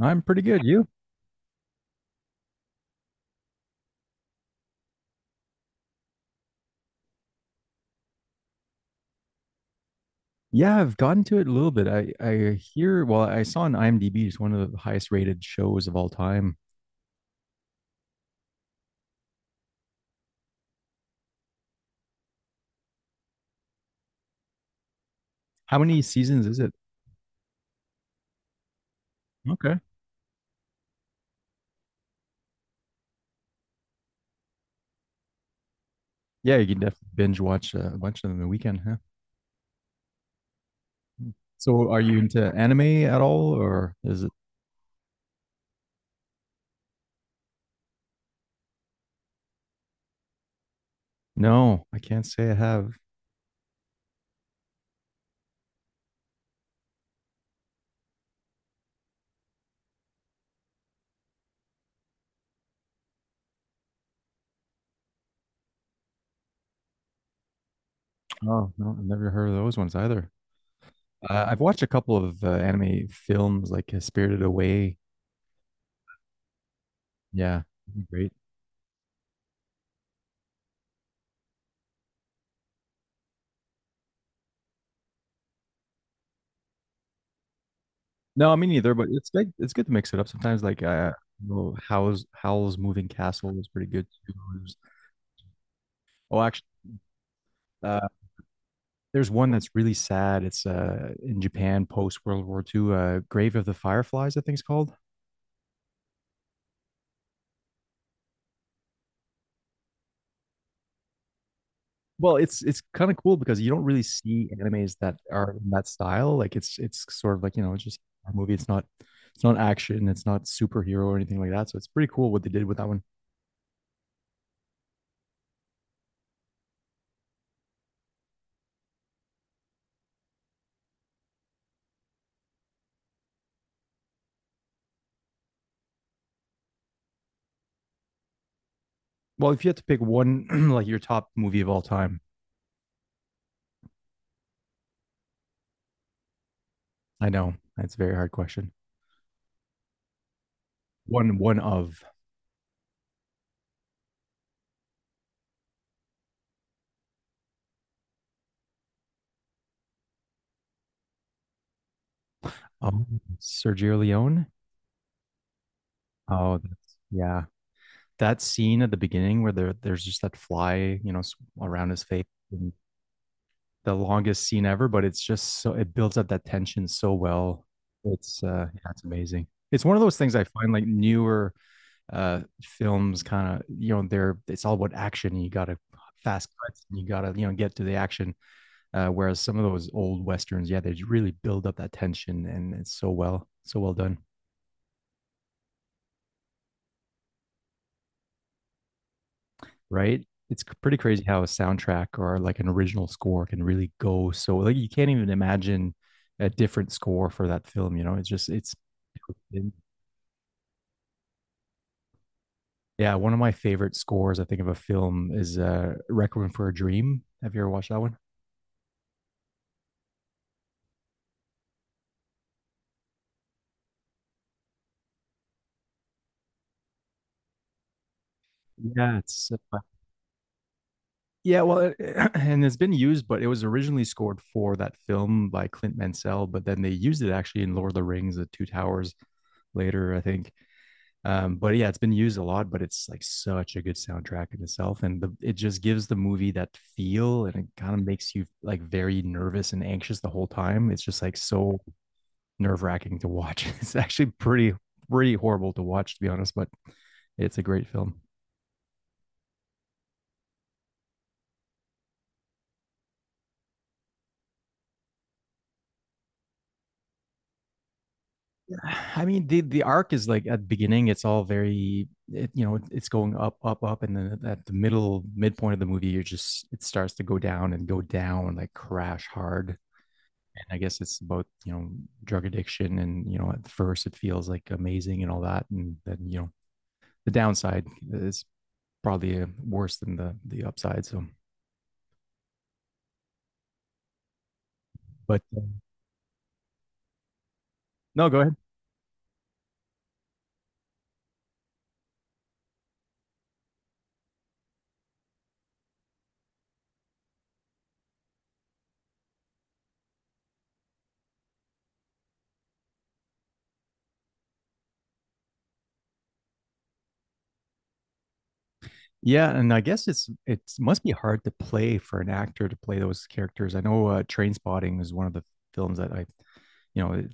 I'm pretty good. You? Yeah, I've gotten to it a little bit. I hear, well, I saw on IMDb it's one of the highest rated shows of all time. How many seasons is it? Okay. Yeah, you can definitely binge watch a bunch of them in the weekend, huh? So are you into anime at all or is it? No, I can't say I have. Oh, no, I've never heard of those ones either. I've watched a couple of anime films like Spirited Away. Yeah, great. No, I mean neither. But it's good. It's good to mix it up sometimes. Like Howl's Moving Castle is pretty good too. There's- oh, actually, uh, there's one that's really sad. It's in Japan post World War II. Grave of the Fireflies, I think it's called. Well, it's kind of cool because you don't really see animes that are in that style. Like it's sort of like you know it's just a movie. It's not action. It's not superhero or anything like that. So it's pretty cool what they did with that one. Well, if you had to pick one, like your top movie of all time, I know that's a very hard question. One one of Sergio Leone. Oh, that's, yeah. That scene at the beginning where there's just that fly, you know, around his face, and the longest scene ever, but it's just so it builds up that tension so well. It's yeah, it's amazing. It's one of those things I find like newer films kind of, you know, they're it's all about action, you got to fast cuts and you got to, you know, get to the action. Whereas some of those old westerns, yeah, they really build up that tension and it's so well, so well done. Right? It's pretty crazy how a soundtrack or like an original score can really go so like you can't even imagine a different score for that film, you know? It's just it's Yeah, one of my favorite scores I think of a film is Requiem for a Dream. Have you ever watched that one? Yeah, it's yeah, well, it- and it's been used, but it was originally scored for that film by Clint Mansell, but then they used it actually in Lord of the Rings, The Two Towers later, I think. But yeah, it's been used a lot, but it's like such a good soundtrack in itself, and the, it just gives the movie that feel, and it kind of makes you like very nervous and anxious the whole time. It's just like so nerve wracking to watch. It's actually pretty horrible to watch, to be honest, but it's a great film. I mean, the arc is like at the beginning, it's all very, it, you know, it's going up, up, up, and then at the middle midpoint of the movie, you're just it starts to go down and go down like crash hard. I guess it's about, you know, drug addiction and, you know, at first it feels like amazing and all that. And then, you know, the downside is probably worse than the upside. So, but no, go ahead. Yeah. And I guess it's, it must be hard to play for an actor to play those characters. I know Train Spotting is one of the films that you know, it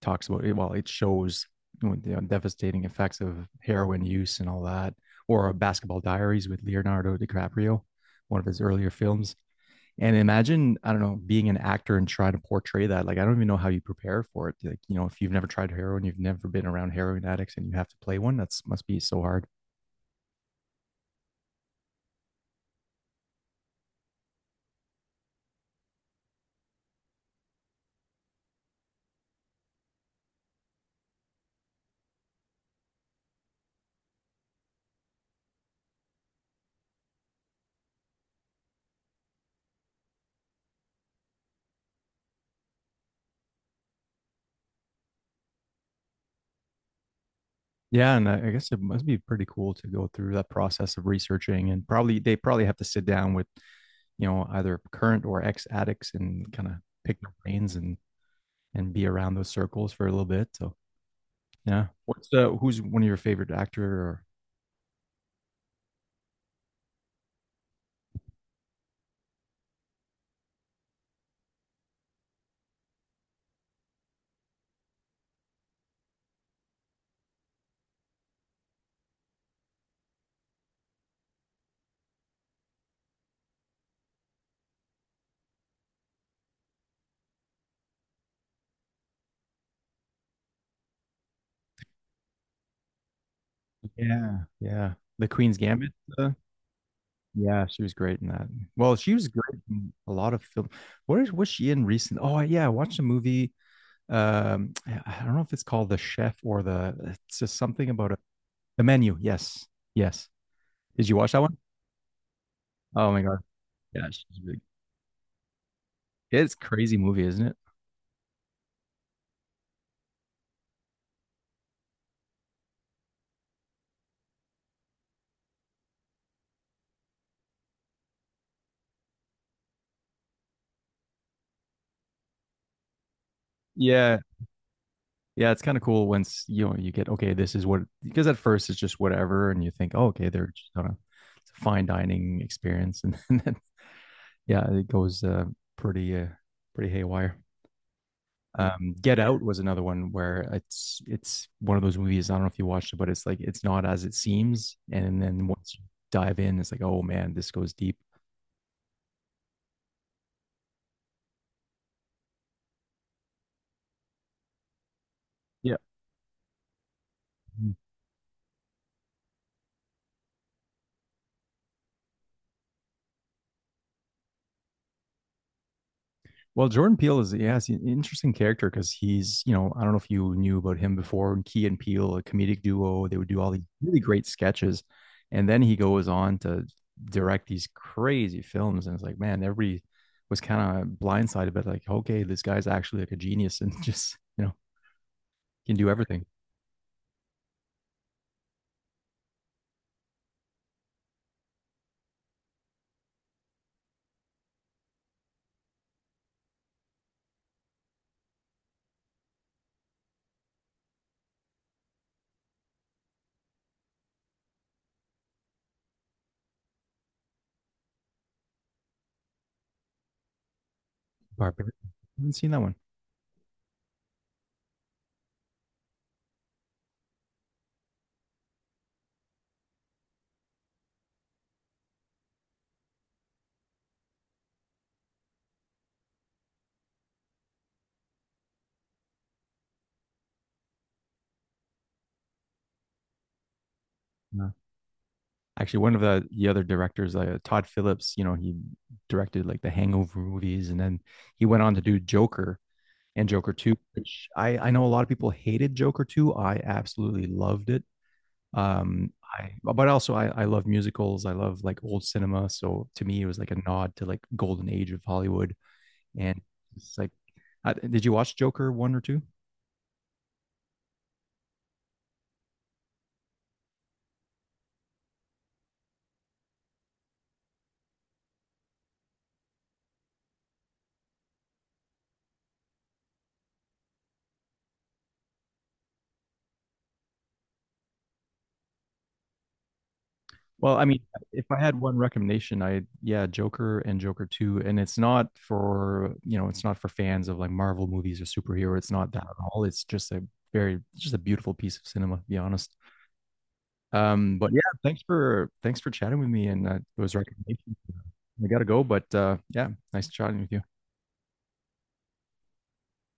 talks about, well, it shows you know, devastating effects of heroin use and all that, or Basketball Diaries with Leonardo DiCaprio, one of his earlier films. And imagine, I don't know, being an actor and trying to portray that. Like, I don't even know how you prepare for it. Like, you know, if you've never tried heroin, you've never been around heroin addicts and you have to play one, that's must be so hard. Yeah. And I guess it must be pretty cool to go through that process of researching and probably they probably have to sit down with, you know, either current or ex addicts and kind of pick their brains and be around those circles for a little bit. So yeah. What's who's one of your favorite actor or yeah, yeah. The Queen's Gambit uh, yeah, she was great in that. Well, she was great in a lot of film. What is was she in recent? Oh yeah, I watched a movie. I don't know if it's called The Chef or the it's just something about a, the menu. Yes. Yes. Did you watch that one? Oh my God. Yeah, she's really- it's a crazy movie, isn't it? Yeah. Yeah, it's kind of cool once you know you get okay, this is what because at first it's just whatever and you think, oh, okay, they're just on a, it's a fine dining experience and then yeah, it goes pretty pretty haywire. Get Out was another one where it's one of those movies. I don't know if you watched it, but it's like it's not as it seems, and then once you dive in, it's like, oh man, this goes deep. Yeah. Well, Jordan Peele is yeah, he's an interesting character because he's you know I don't know if you knew about him before. Key and Peele, a comedic duo, they would do all these really great sketches, and then he goes on to direct these crazy films, and it's like man, everybody was kind of blindsided, but like okay, this guy's actually like a genius and just you know can do everything. Barbarian. I haven't seen that one. No. Actually, one of the other directors, Todd Phillips, you know, he directed like the Hangover movies, and then he went on to do Joker and Joker Two, which I know a lot of people hated Joker Two. I absolutely loved it. Um, I But also I love musicals. I love like old cinema, so to me it was like a nod to like golden age of Hollywood. And it's like, did you watch Joker One or Two? Well, I mean, if I had one recommendation, I yeah, Joker and Joker 2, and it's not for, you know, it's not for fans of like Marvel movies or superhero. It's not that at all. It's just a very it's just a beautiful piece of cinema, to be honest. But yeah, thanks for chatting with me and those recommendations. I gotta go, but yeah, nice chatting with you.